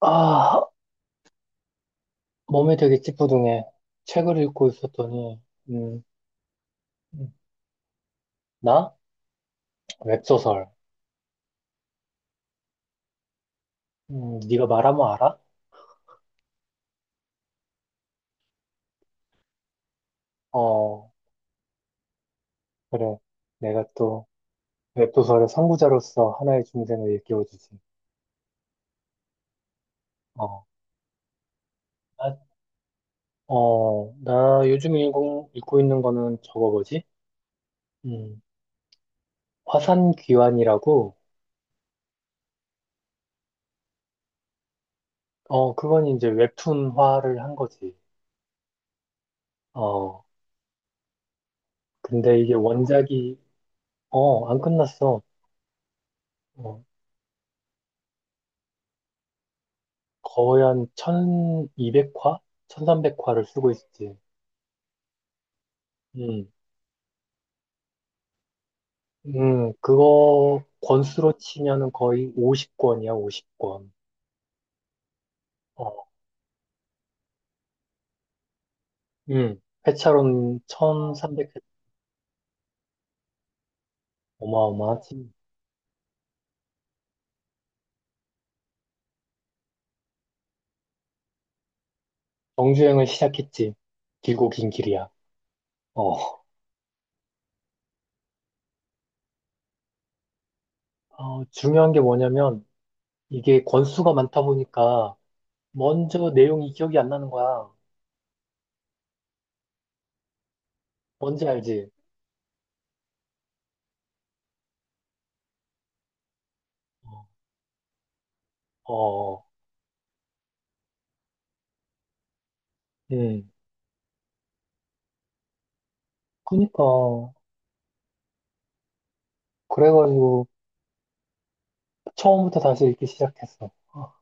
아, 몸이 되게 찌뿌둥해. 책을 읽고 있었더니, 음, 음. 나? 웹소설. 네가 말하면 알아? 어, 그래. 내가 또 웹소설의 선구자로서 하나의 중생을 일깨워주지. 어, 나, 나 요즘 읽고 있는 거는 저거 뭐지? 음, 화산귀환이라고, 그건 이제 웹툰화를 한 거지. 어, 근데 이게 안 끝났어. 어, 거의 한 1200화? 1300화를 쓰고 있지. 음, 그거 권수로 치면은 거의 50권이야, 50권. 어, 음, 회차로는 1300회. 어마어마하지. 정주행을 시작했지. 길고 긴 길이야. 어, 중요한 게 뭐냐면 이게 권수가 많다 보니까 먼저 내용이 기억이 안 나는 거야. 뭔지 알지? 어, 어, 어. 음, 그니까. 그래가지고 처음부터 다시 읽기 시작했어. 어,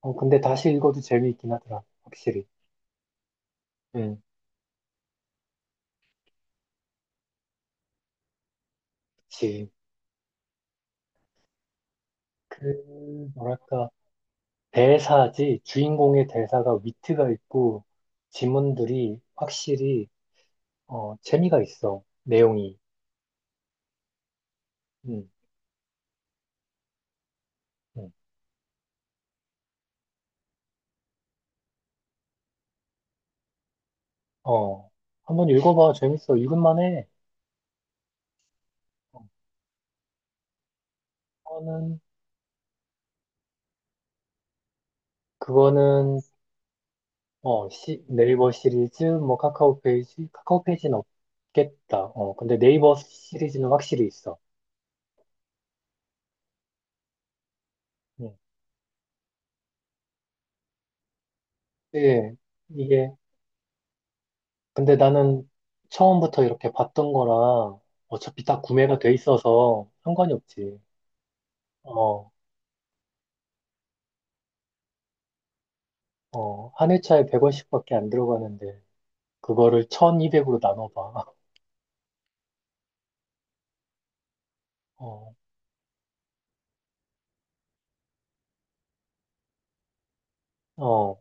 어, 근데 다시 읽어도 재미있긴 하더라. 확실히. 응, 그치. 그, 뭐랄까, 대사지, 주인공의 대사가 위트가 있고, 지문들이 확실히, 재미가 있어. 내용이. 응, 응. 어, 한번 읽어봐. 재밌어. 읽을만 해. 어, 그거는, 그거는, 네이버 시리즈, 뭐, 카카오 페이지, 카카오 페이지는 없겠다. 근데 네이버 시리즈는 확실히 있어. 응. 예, 이게, 근데 나는 처음부터 이렇게 봤던 거랑 어차피 다 구매가 돼 있어서 상관이 없지. 어, 한 회차에 100원씩밖에 안 들어가는데, 그거를 1200으로 나눠봐. 어, 어,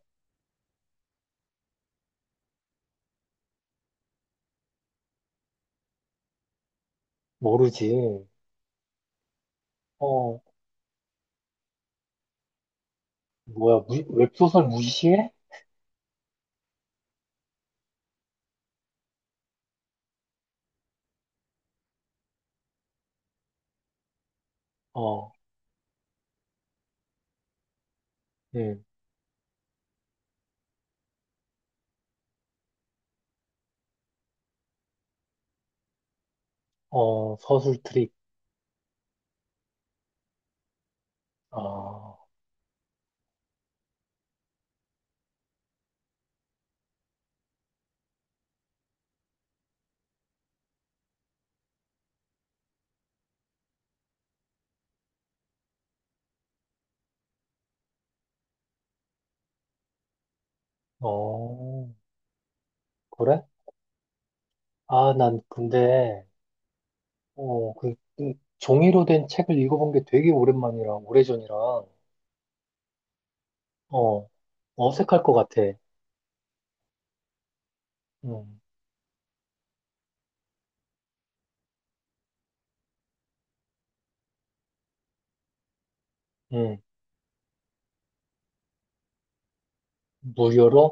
모르지. 어, 뭐야, 웹소설 무시해? 어, 응, 서술 트릭. 아, 어, 그래? 아, 난 근데, 그 종이로 된 책을 읽어본 게 되게 오랜만이라, 오래전이라. 어, 어색할 것 같아. 음, 음, 무료로?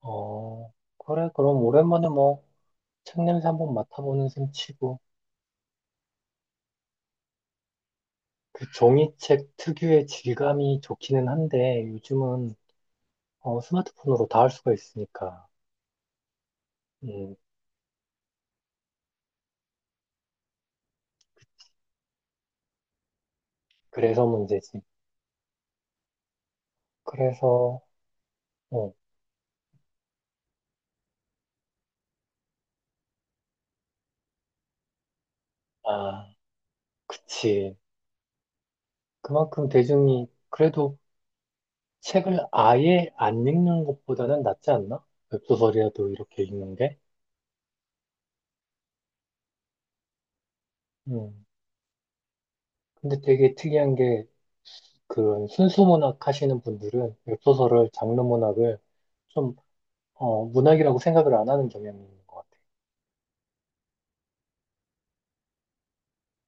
어, 그래, 그럼 오랜만에 뭐, 책 냄새 한번 맡아보는 셈 치고. 그 종이책 특유의 질감이 좋기는 한데, 요즘은 스마트폰으로 다 할 수가 있으니까. 음, 그래서 문제지. 그래서, 어, 아, 그치. 그만큼 대중이 그래도 책을 아예 안 읽는 것보다는 낫지 않나? 웹소설이라도 이렇게 읽는 게? 음, 근데 되게 특이한 게, 그런 순수 문학 하시는 분들은 웹소설을 장르 문학을 좀, 문학이라고 생각을 안 하는 경향이 있는 것 같아.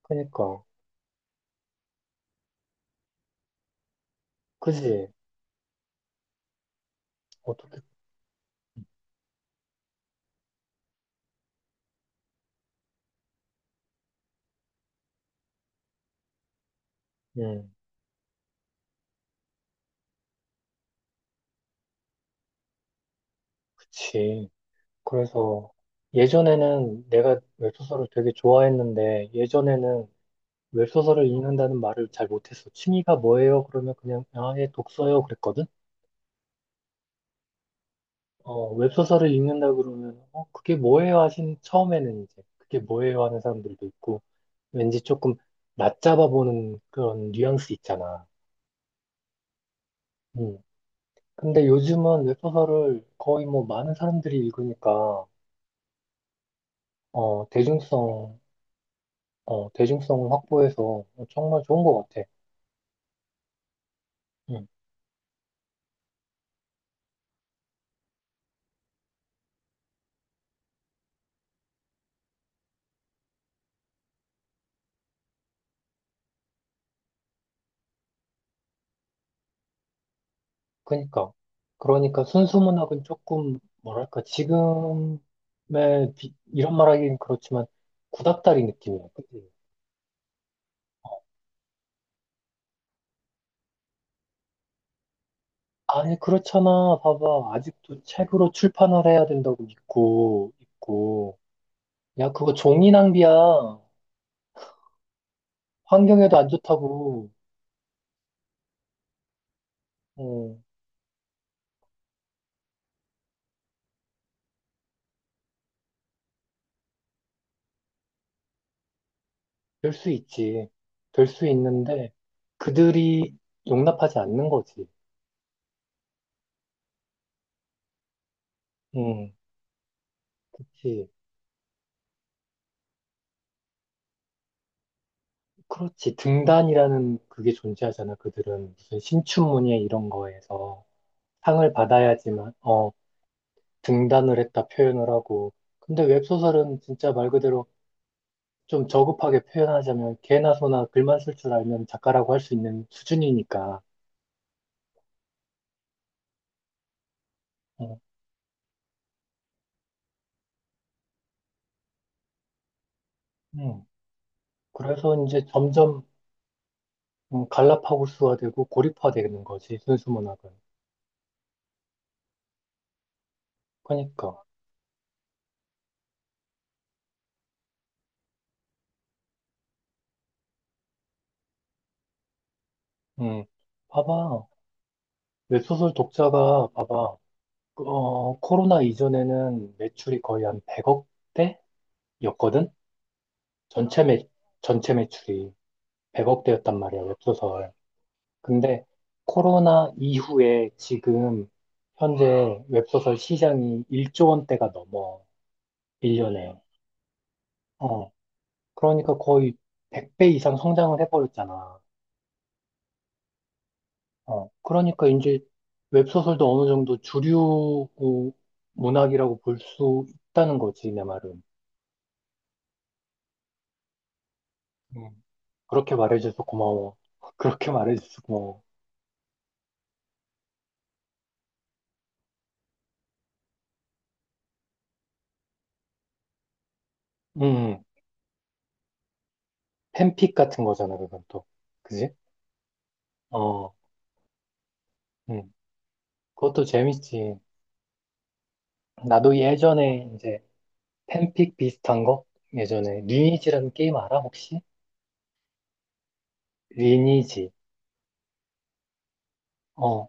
그니까, 그지? 어떻게, 음, 그치. 그래서 예전에는 내가 웹소설을 되게 좋아했는데, 예전에는 웹소설을 읽는다는 말을 잘 못했어. 취미가 뭐예요? 그러면 그냥, 아, 예, 독서요. 그랬거든? 웹소설을 읽는다 그러면, 그게 뭐예요? 하신, 처음에는 이제, 그게 뭐예요? 하는 사람들도 있고, 왠지 조금 낮잡아 보는 그런 뉘앙스 있잖아. 음. 근데 요즘은 웹소설을 거의 뭐 많은 사람들이 읽으니까, 어, 대중성, 대중성을 확보해서 정말 좋은 것 같아. 음. 그니까. 그러니까 순수문학은 조금, 뭐랄까, 지금의, 이런 말 하긴 그렇지만, 구닥다리 느낌이야. 아니, 그렇잖아. 봐봐. 아직도 책으로 출판을 해야 된다고 믿고, 있고. 야, 그거 종이 낭비야. 환경에도 안 좋다고. 어, 될 수 있지. 될 수 있는데, 그들이 용납하지 않는 거지. 응, 그치. 그렇지. 등단이라는 그게 존재하잖아. 그들은 무슨 신춘문예 이런 거에서 상을 받아야지만, 등단을 했다 표현을 하고. 근데 웹소설은 진짜 말 그대로 좀 저급하게 표현하자면 개나 소나 글만 쓸 줄 알면 작가라고 할 수 있는 수준이니까. 어, 음. 그래서 이제 점점 갈라파고스화 되고 고립화되는 거지, 순수 문학은. 그러니까, 음, 봐봐. 웹소설 독자가, 봐봐. 코로나 이전에는 매출이 거의 한 100억대였거든? 전체 매, 전체 매출이 100억대였단 말이야, 웹소설. 근데 코로나 이후에 지금 현재 웹소설 시장이 1조 원대가 넘어, 1년에. 어, 그러니까 거의 100배 이상 성장을 해버렸잖아. 그러니까 이제 웹소설도 어느 정도 주류 문학이라고 볼 수 있다는 거지, 내 말은. 음, 그렇게 말해줘서 고마워. 그렇게 말해줘서 고마워. 음, 음. 팬픽 같은 거잖아, 그건 또. 그지? 어, 음, 그것도 재밌지. 나도 예전에 이제 팬픽 비슷한 거? 예전에 리니지라는 게임 알아 혹시? 리니지. 어,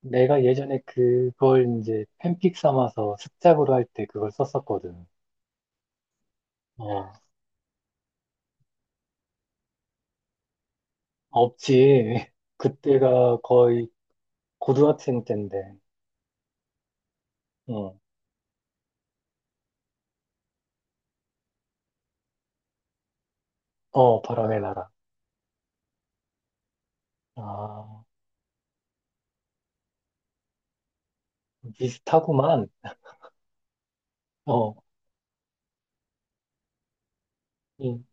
내가 예전에 그걸 이제 팬픽 삼아서 습작으로 할 때 그걸 썼었거든. 어, 없지. 그때가 거의 고등학생 때인데. 어, 어, 바람의 나라. 아, 비슷하구만. 어, 응.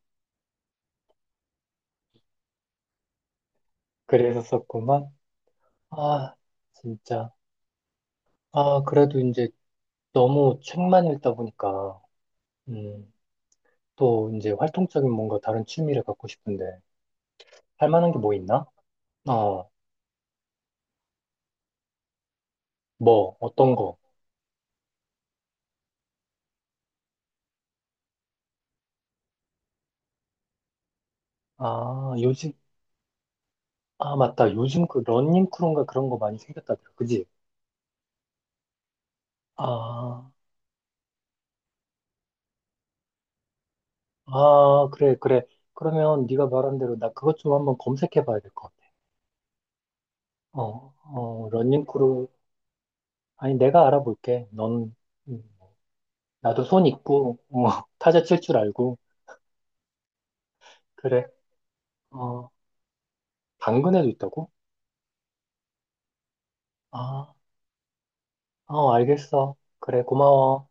그래서 썼구만. 아, 진짜. 아, 그래도 이제 너무 책만 읽다 보니까. 음. 또 이제 활동적인 뭔가 다른 취미를 갖고 싶은데 할 만한 게 뭐 있나? 어, 뭐 어떤 거? 아, 요즘 아 맞다. 요즘 그 러닝 크루인가 그런 거 많이 생겼다더라. 그지? 아, 아 그래 그래. 그러면 네가 말한 대로 나 그것 좀 한번 검색해 봐야 될 것 같아. 러닝 크루. 아니, 내가 알아볼게. 넌, 음, 나도 손 있고 타자 칠 줄 알고 그래. 어, 당근에도 있다고? 아, 알겠어. 그래 고마워.